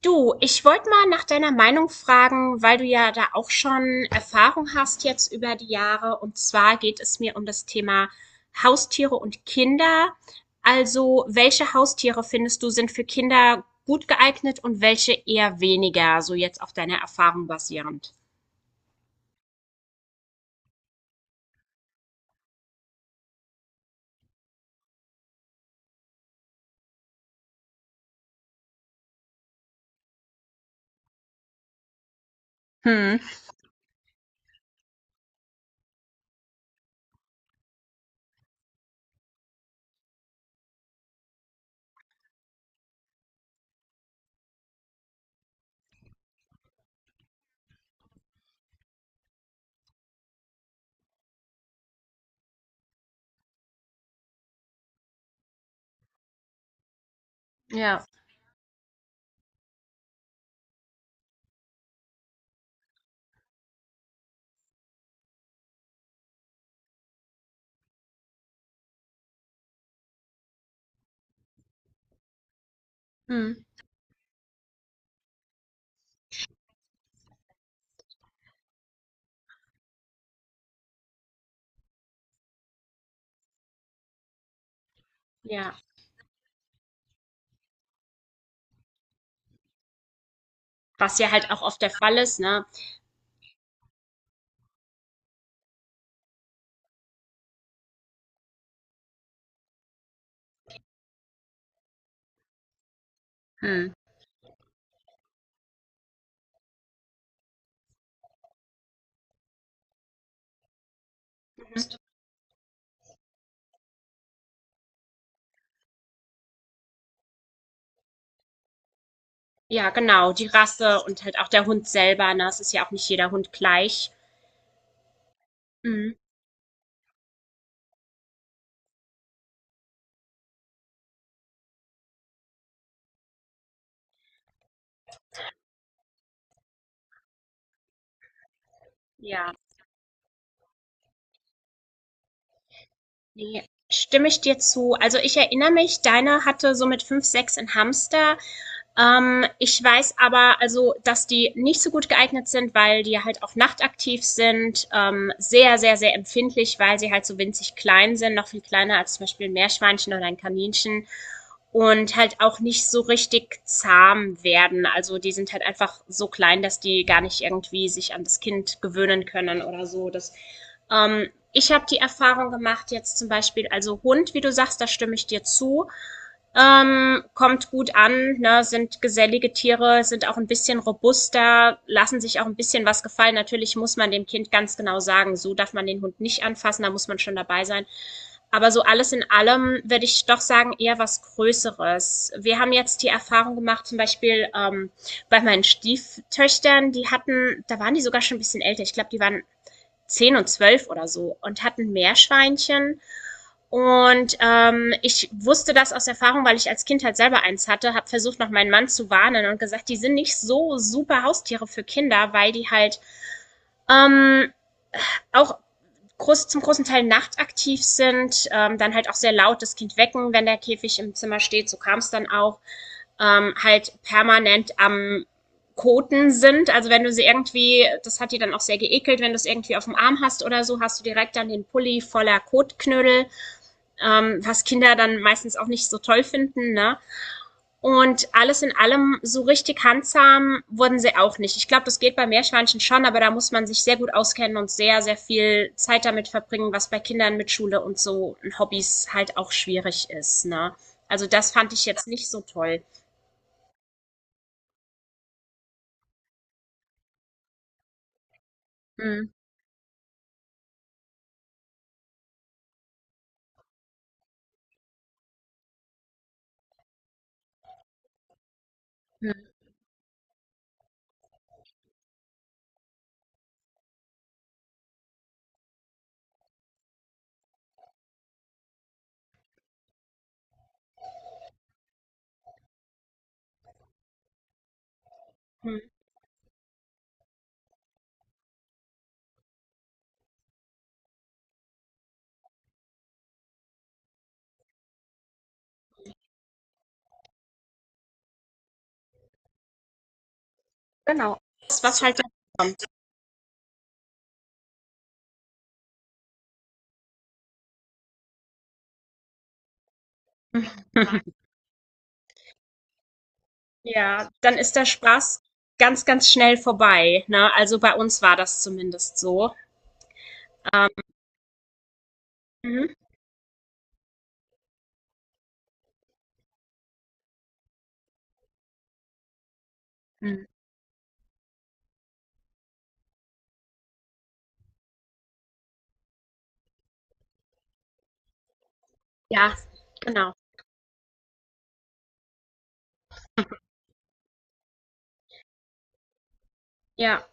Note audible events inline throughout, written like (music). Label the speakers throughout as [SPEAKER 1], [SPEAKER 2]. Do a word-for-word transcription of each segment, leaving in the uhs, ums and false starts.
[SPEAKER 1] Du, ich wollte mal nach deiner Meinung fragen, weil du ja da auch schon Erfahrung hast jetzt über die Jahre. Und zwar geht es mir um das Thema Haustiere und Kinder. Also, welche Haustiere findest du sind für Kinder gut geeignet und welche eher weniger, so jetzt auf deiner Erfahrung basierend? Hm, ja. Hm. Ja, was ja halt auch oft der Fall ist, ne? Hm. Ja, genau, die Rasse und halt auch der Hund selber, ne? Es ist ja auch nicht jeder Hund gleich. Hm. Ja. Ne, stimme ich dir zu. Also, ich erinnere mich, deiner hatte so mit fünf sechs 'n Hamster. Ähm, ich weiß aber also, dass die nicht so gut geeignet sind, weil die halt auch nachtaktiv sind, ähm, sehr, sehr, sehr empfindlich, weil sie halt so winzig klein sind, noch viel kleiner als zum Beispiel ein Meerschweinchen oder ein Kaninchen und halt auch nicht so richtig zahm werden. Also die sind halt einfach so klein, dass die gar nicht irgendwie sich an das Kind gewöhnen können oder so. Das, ähm, ich habe die Erfahrung gemacht, jetzt zum Beispiel, also Hund, wie du sagst, da stimme ich dir zu. Ähm, kommt gut an, ne, sind gesellige Tiere, sind auch ein bisschen robuster, lassen sich auch ein bisschen was gefallen. Natürlich muss man dem Kind ganz genau sagen, so darf man den Hund nicht anfassen, da muss man schon dabei sein. Aber so alles in allem würde ich doch sagen, eher was Größeres. Wir haben jetzt die Erfahrung gemacht, zum Beispiel ähm, bei meinen Stieftöchtern, die hatten, da waren die sogar schon ein bisschen älter, ich glaube, die waren zehn und zwölf oder so und hatten Meerschweinchen. Und ähm, ich wusste das aus Erfahrung, weil ich als Kind halt selber eins hatte, habe versucht, noch meinen Mann zu warnen und gesagt, die sind nicht so super Haustiere für Kinder, weil die halt ähm, auch groß, zum großen Teil nachtaktiv sind, ähm, dann halt auch sehr laut das Kind wecken, wenn der Käfig im Zimmer steht, so kam es dann auch, ähm, halt permanent am Koten sind. Also wenn du sie irgendwie, das hat die dann auch sehr geekelt, wenn du es irgendwie auf dem Arm hast oder so, hast du direkt dann den Pulli voller Kotknödel, ähm, was Kinder dann meistens auch nicht so toll finden. Ne? Und alles in allem, so richtig handsam wurden sie auch nicht. Ich glaube, das geht bei Meerschweinchen schon, aber da muss man sich sehr gut auskennen und sehr, sehr viel Zeit damit verbringen, was bei Kindern mit Schule und so Hobbys halt auch schwierig ist, ne? Also das fand ich jetzt nicht so toll. Mhm. Das, was halt dann kommt. (laughs) Ja, dann ist der Spaß ganz, ganz schnell vorbei, ne? Also bei uns war das zumindest so. Ähm, mhm. Ja, genau. Ja.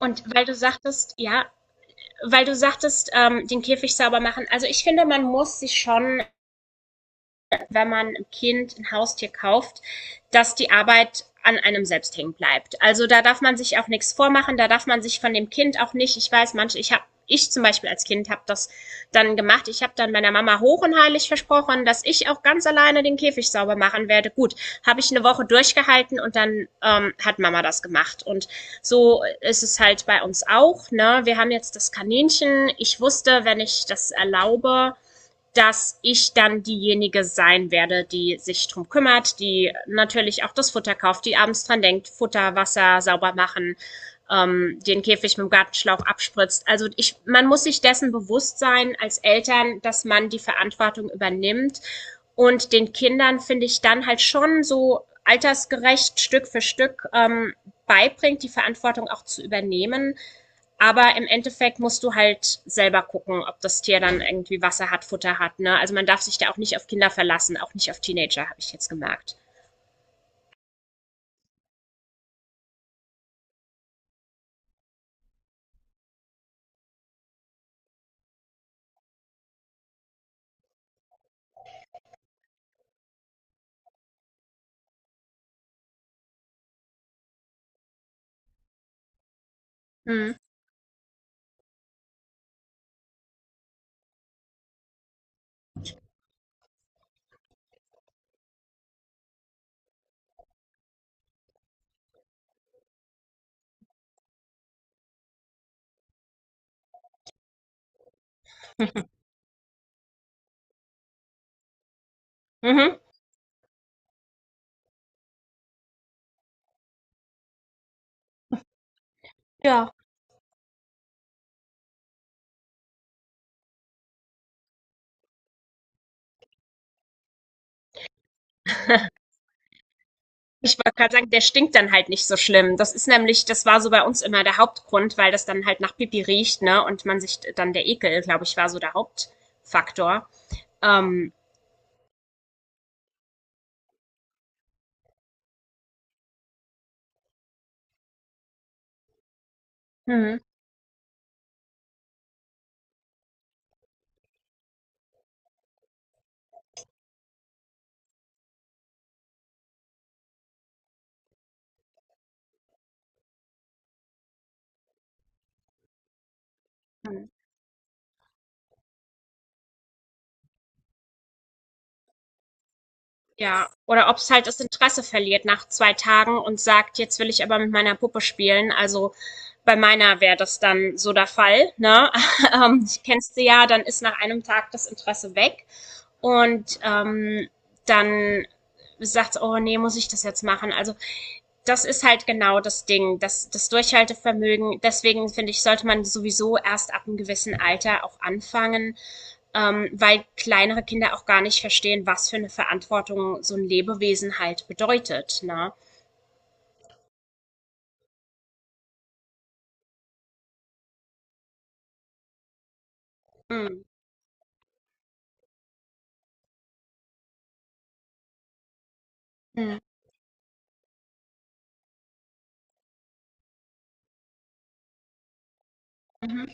[SPEAKER 1] Und weil du sagtest, ja, weil du sagtest, ähm, den Käfig sauber machen. Also ich finde, man muss sich schon wenn man einem Kind ein Haustier kauft, dass die Arbeit an einem selbst hängen bleibt. Also da darf man sich auch nichts vormachen, da darf man sich von dem Kind auch nicht, ich weiß, manche, ich habe ich zum Beispiel als Kind habe das dann gemacht. Ich habe dann meiner Mama hoch und heilig versprochen, dass ich auch ganz alleine den Käfig sauber machen werde. Gut, habe ich eine Woche durchgehalten und dann ähm, hat Mama das gemacht. Und so ist es halt bei uns auch. Ne? Wir haben jetzt das Kaninchen. Ich wusste, wenn ich das erlaube, dass ich dann diejenige sein werde, die sich drum kümmert, die natürlich auch das Futter kauft, die abends dran denkt, Futter, Wasser sauber machen, ähm, den Käfig mit dem Gartenschlauch abspritzt. Also ich, man muss sich dessen bewusst sein als Eltern, dass man die Verantwortung übernimmt und den Kindern finde ich dann halt schon so altersgerecht Stück für Stück ähm, beibringt, die Verantwortung auch zu übernehmen aber im Endeffekt musst du halt selber gucken, ob das Tier dann irgendwie Wasser hat, Futter hat. Ne? Also man darf sich da auch nicht auf Kinder verlassen, auch nicht auf Teenager, habe ich jetzt gemerkt. Mhm. Mhm. Ja. Ich wollte gerade sagen, der stinkt dann halt nicht so schlimm. Das ist nämlich, das war so bei uns immer der Hauptgrund, weil das dann halt nach Pipi riecht, ne? Und man sich dann der Ekel, glaube ich, war so der Hauptfaktor. Ähm, Mhm. Ja, oder ob es halt das Interesse verliert nach zwei Tagen und sagt: „Jetzt will ich aber mit meiner Puppe spielen.“ Also, bei meiner wäre das dann so der Fall, ne? (laughs) Ähm, ich kennst du ja, dann ist nach einem Tag das Interesse weg. Und ähm, dann sagt, oh nee, muss ich das jetzt machen? Also das ist halt genau das Ding, das, das Durchhaltevermögen. Deswegen finde ich, sollte man sowieso erst ab einem gewissen Alter auch anfangen, ähm, weil kleinere Kinder auch gar nicht verstehen, was für eine Verantwortung so ein Lebewesen halt bedeutet. Ne? Mm, mm, mhm,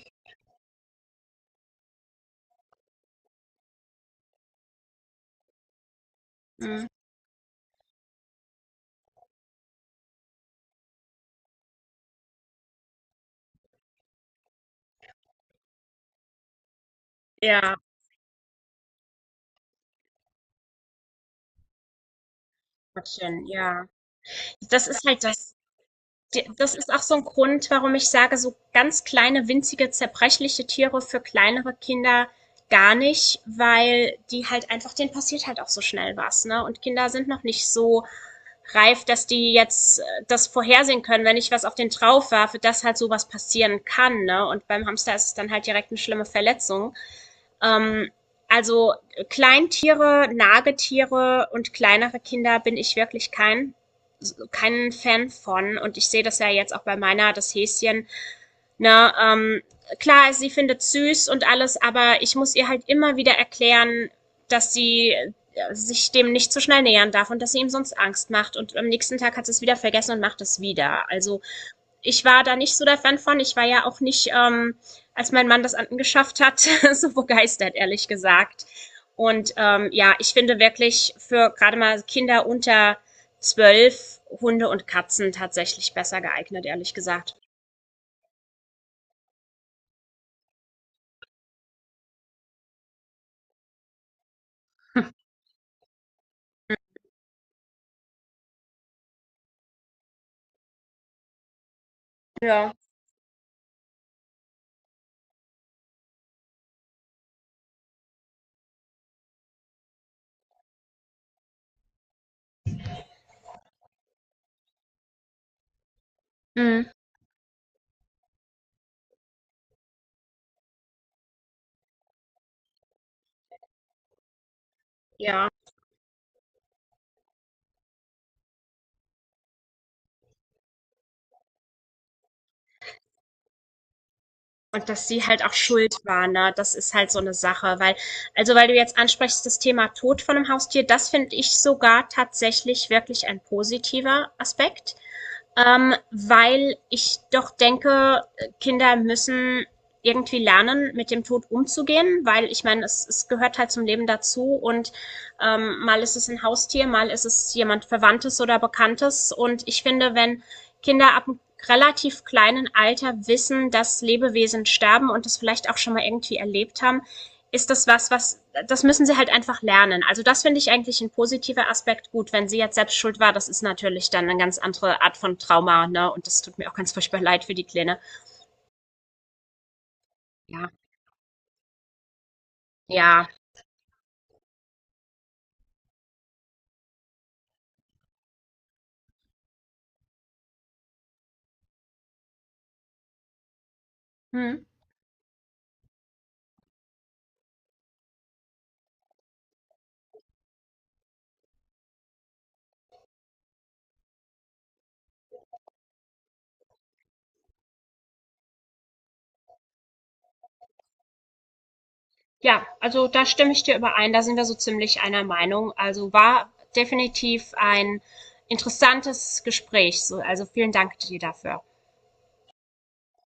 [SPEAKER 1] mm. Ja, Gottchen, ja. Das ist halt das Die- Das ist auch so ein Grund, warum ich sage, so ganz kleine, winzige, zerbrechliche Tiere für kleinere Kinder gar nicht, weil die halt einfach, denen passiert halt auch so schnell was, ne? Und Kinder sind noch nicht so reif, dass die jetzt äh, das vorhersehen können, wenn ich was auf den drauf werfe, dass halt sowas passieren kann, ne? Und beim Hamster ist es dann halt direkt eine schlimme Verletzung. Ähm, also Kleintiere, Nagetiere und kleinere Kinder bin ich wirklich kein kein Fan von und ich sehe das ja jetzt auch bei meiner, das Häschen. Ne, ähm, klar, sie findet süß und alles, aber ich muss ihr halt immer wieder erklären, dass sie äh, sich dem nicht zu schnell nähern darf und dass sie ihm sonst Angst macht und am nächsten Tag hat sie es wieder vergessen und macht es wieder. Also ich war da nicht so der Fan von. Ich war ja auch nicht, ähm, als mein Mann das angeschafft hat, (laughs) so begeistert, ehrlich gesagt. Und ähm, ja, ich finde wirklich für gerade mal Kinder unter zwölf Hunde und Katzen tatsächlich besser geeignet, ehrlich gesagt. Ja. Mhm. Ja. Und dass sie halt auch schuld war, ne? Das ist halt so eine Sache, weil, also weil du jetzt ansprichst, das Thema Tod von einem Haustier, das finde ich sogar tatsächlich wirklich ein positiver Aspekt. Ähm, weil ich doch denke, Kinder müssen irgendwie lernen, mit dem Tod umzugehen, weil ich meine, es, es gehört halt zum Leben dazu und ähm, mal ist es ein Haustier, mal ist es jemand Verwandtes oder Bekanntes. Und ich finde, wenn Kinder ab einem relativ kleinen Alter wissen, dass Lebewesen sterben und das vielleicht auch schon mal irgendwie erlebt haben, ist das was, was, das müssen sie halt einfach lernen. Also das finde ich eigentlich ein positiver Aspekt. Gut, wenn sie jetzt selbst schuld war, das ist natürlich dann eine ganz andere Art von Trauma, ne? Und das tut mir auch ganz furchtbar leid für die Kleine. Ja, ja. Hm. Ja, also da stimme ich dir überein, da sind wir so ziemlich einer Meinung. Also war definitiv ein interessantes Gespräch. So, also vielen Dank dir dafür.